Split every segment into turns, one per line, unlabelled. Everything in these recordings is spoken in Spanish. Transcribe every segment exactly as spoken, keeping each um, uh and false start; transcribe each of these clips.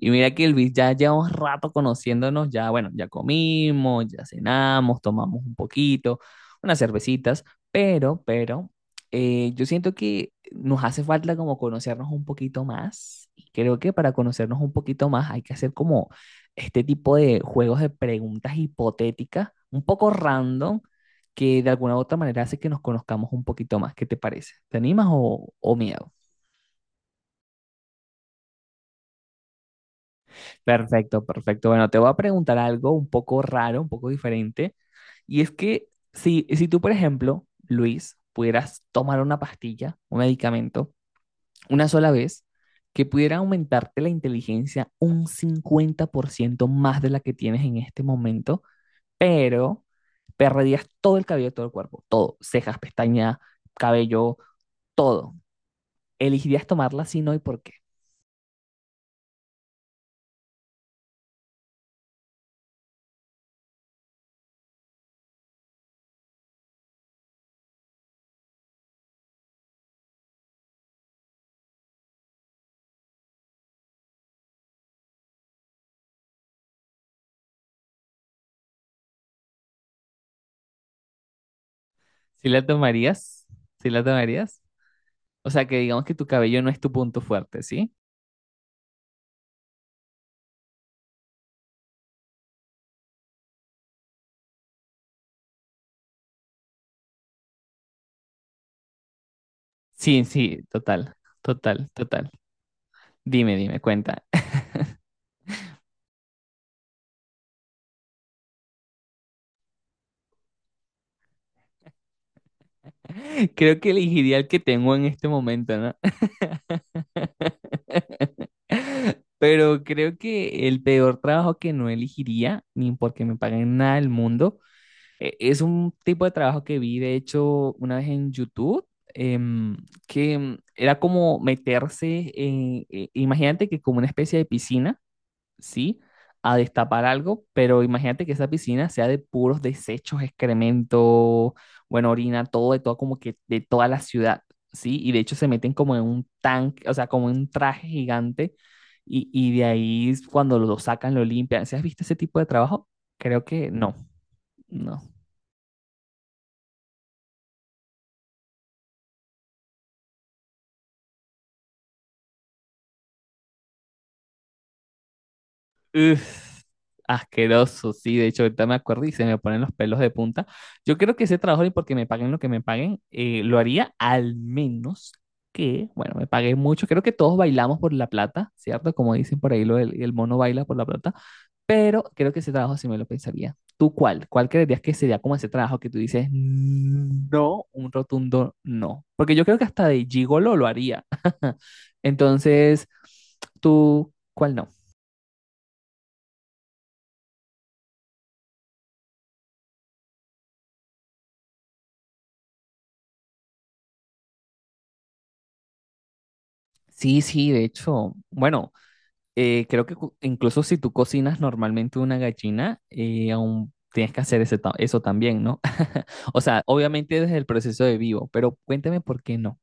Y mira que Elvis ya lleva un rato conociéndonos, ya bueno, ya comimos, ya cenamos, tomamos un poquito, unas cervecitas, pero, pero, eh, yo siento que nos hace falta como conocernos un poquito más. Y creo que para conocernos un poquito más hay que hacer como este tipo de juegos de preguntas hipotéticas, un poco random, que de alguna u otra manera hace que nos conozcamos un poquito más. ¿Qué te parece? ¿Te animas o, o miedo? Perfecto, perfecto. Bueno, te voy a preguntar algo un poco raro, un poco diferente. Y es que si, si tú, por ejemplo, Luis, pudieras tomar una pastilla, un medicamento, una sola vez, que pudiera aumentarte la inteligencia un cincuenta por ciento más de la que tienes en este momento, pero perderías todo el cabello de todo el cuerpo, todo, cejas, pestañas, cabello, todo. ¿Elegirías tomarla si no y por qué? ¿Si la tomarías? ¿Si la tomarías? O sea, que digamos que tu cabello no es tu punto fuerte, ¿sí? Sí, sí, total, total, total. Dime, dime, cuenta. Creo que elegiría el que tengo en este momento, ¿no? Pero creo que el peor trabajo que no elegiría, ni porque me paguen nada del mundo, e- es un tipo de trabajo que vi, de hecho, una vez en YouTube, em, que em, era como meterse en, e- imagínate que como una especie de piscina, ¿sí? A destapar algo, pero imagínate que esa piscina sea de puros desechos, excremento, bueno, orina, todo, de todo, como que de toda la ciudad, ¿sí? Y de hecho se meten como en un tanque, o sea, como en un traje gigante, y, y de ahí cuando lo sacan, lo limpian. ¿Sí has visto ese tipo de trabajo? Creo que no, no. Uf, asqueroso, sí. De hecho, ahorita me acuerdo y se me ponen los pelos de punta. Yo creo que ese trabajo, y porque me paguen lo que me paguen, eh, lo haría al menos que, bueno, me paguen mucho. Creo que todos bailamos por la plata, ¿cierto? Como dicen por ahí, lo del, el mono baila por la plata. Pero creo que ese trabajo sí me lo pensaría. ¿Tú cuál? ¿Cuál creerías que sería como ese trabajo que tú dices, no, un rotundo no? Porque yo creo que hasta de gigolo lo haría. Entonces, ¿tú cuál no? Sí, sí, de hecho, bueno, eh, creo que cu- incluso si tú cocinas normalmente una gallina, eh, aún tienes que hacer ese ta- eso también, ¿no? O sea, obviamente desde el proceso de vivo, pero cuéntame por qué no.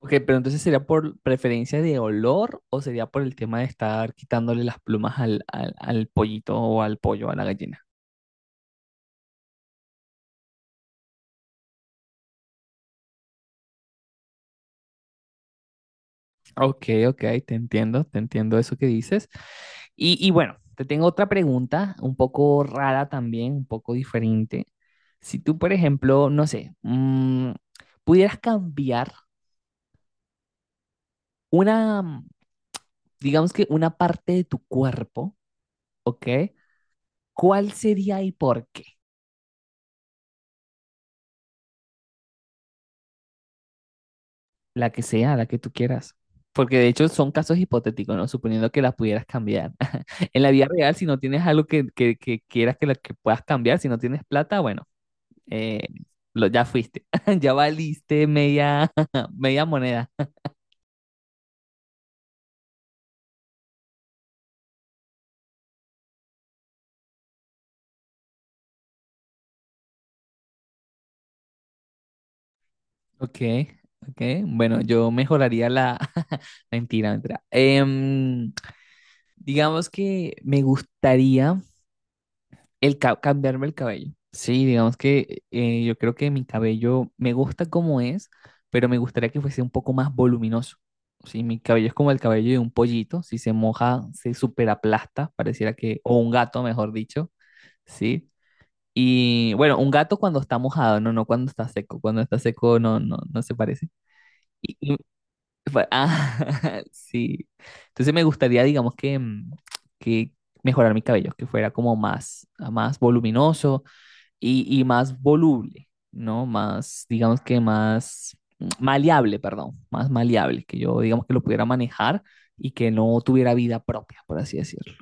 Ok, pero entonces sería por preferencia de olor o sería por el tema de estar quitándole las plumas al, al, al pollito o al pollo, a la gallina. Ok, ok, te entiendo, te entiendo eso que dices. Y, y bueno, te tengo otra pregunta, un poco rara también, un poco diferente. Si tú, por ejemplo, no sé, mm, pudieras cambiar una, mm, digamos que una parte de tu cuerpo, ¿ok? ¿Cuál sería y por qué? La que sea, la que tú quieras. Porque de hecho son casos hipotéticos, ¿no? Suponiendo que la pudieras cambiar. En la vida real, si no tienes algo que, que, que quieras que, la, que puedas cambiar, si no tienes plata, bueno. Eh, lo, ya fuiste, ya valiste media, media moneda. Ok, ok. Bueno, yo mejoraría la... Mentira, mentira. Em, digamos que me gustaría el ca- cambiarme el cabello. Sí, digamos que eh, yo creo que mi cabello me gusta como es, pero me gustaría que fuese un poco más voluminoso. Sí, mi cabello es como el cabello de un pollito. Si se moja, se superaplasta, pareciera que... O un gato, mejor dicho. Sí. Y bueno, un gato cuando está mojado, no, no cuando está seco. Cuando está seco no, no, no se parece. Y- y fue- ah, sí. Entonces me gustaría, digamos, que, mm, que mejorar mi cabello, que fuera como más, más voluminoso y, y más voluble, ¿no? Más, digamos que más mm, maleable, perdón, más maleable, que yo, digamos, que lo pudiera manejar y que no tuviera vida propia, por así decirlo.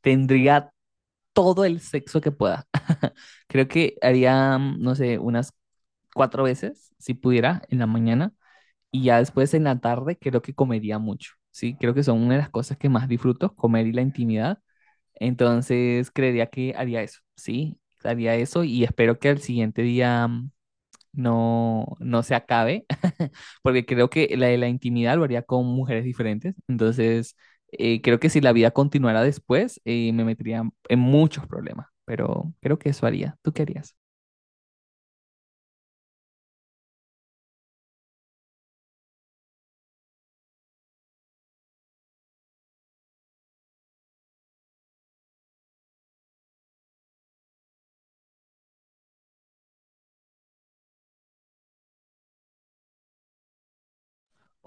Tendría todo el sexo que pueda. Creo que haría, mm, no sé, unas cuatro veces, si pudiera, en la mañana. Y ya después en la tarde creo que comería mucho, ¿sí? Creo que son una de las cosas que más disfruto, comer y la intimidad. Entonces creería que haría eso, ¿sí? Haría eso y espero que al siguiente día mm, no, no se acabe, porque creo que la de la intimidad lo haría con mujeres diferentes. Entonces, eh, creo que si la vida continuara después, eh, me metería en muchos problemas, pero creo que eso haría. ¿Tú qué harías?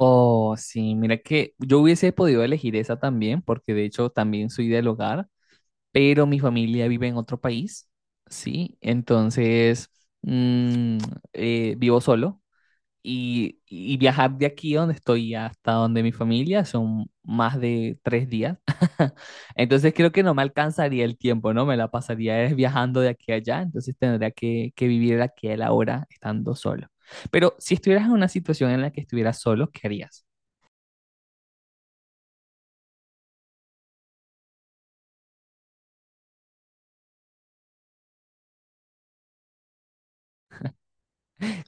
Oh, sí, mira que yo hubiese podido elegir esa también, porque de hecho también soy del hogar, pero mi familia vive en otro país, ¿sí? Entonces, mm, eh, vivo solo. Y, y viajar de aquí donde estoy hasta donde mi familia son más de tres días. Entonces creo que no me alcanzaría el tiempo, ¿no? Me la pasaría es viajando de aquí a allá, entonces tendría que, que vivir el aquí y el ahora estando solo. Pero si estuvieras en una situación en la que estuvieras solo, ¿qué harías?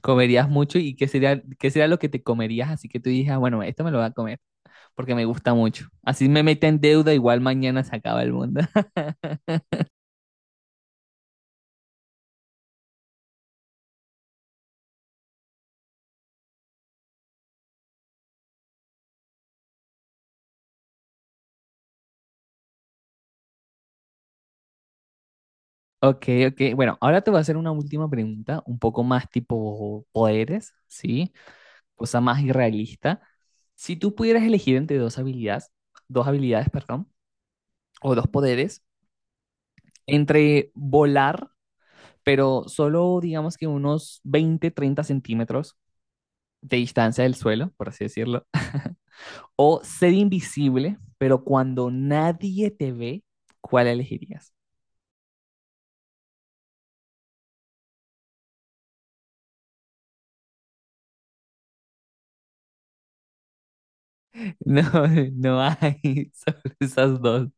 ¿Comerías mucho y qué sería, qué sería lo que te comerías? Así que tú dijeras, bueno, esto me lo voy a comer porque me gusta mucho. Así me mete en deuda, igual mañana se acaba el mundo. Ok, ok. Bueno, ahora te voy a hacer una última pregunta, un poco más tipo poderes, ¿sí? Cosa más irrealista. Si tú pudieras elegir entre dos habilidades, dos habilidades, perdón, o dos poderes, entre volar, pero solo digamos que unos veinte, treinta centímetros de distancia del suelo, por así decirlo, o ser invisible, pero cuando nadie te ve, ¿cuál elegirías? No, no hay solo esas dos.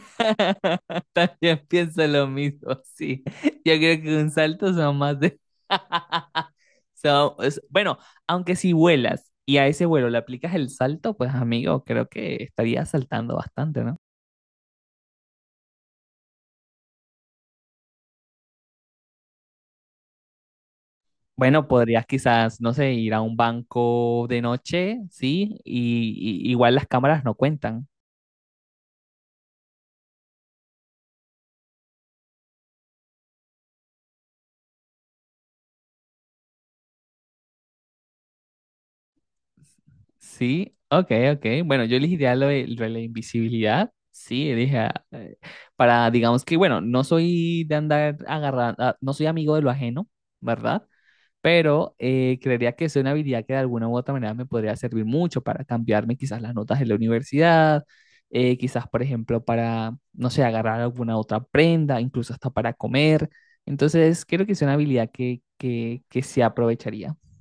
También pienso lo mismo, sí. Yo creo que un salto son más de... son- es- bueno, aunque si vuelas y a ese vuelo le aplicas el salto, pues amigo, creo que estarías saltando bastante, ¿no? Bueno, podrías quizás, no sé, ir a un banco de noche, ¿sí? Y, y- igual las cámaras no cuentan. Sí, ok, ok. Bueno, yo elegiría lo de, lo de la invisibilidad. Sí, dije, ah, eh, para, digamos que, bueno, no soy de andar agarrando, ah, no soy amigo de lo ajeno, ¿verdad? Pero eh, creería que es una habilidad que de alguna u otra manera me podría servir mucho para cambiarme quizás las notas de la universidad, eh, quizás, por ejemplo, para, no sé, agarrar alguna otra prenda, incluso hasta para comer. Entonces, creo que es una habilidad que, que, que se aprovecharía.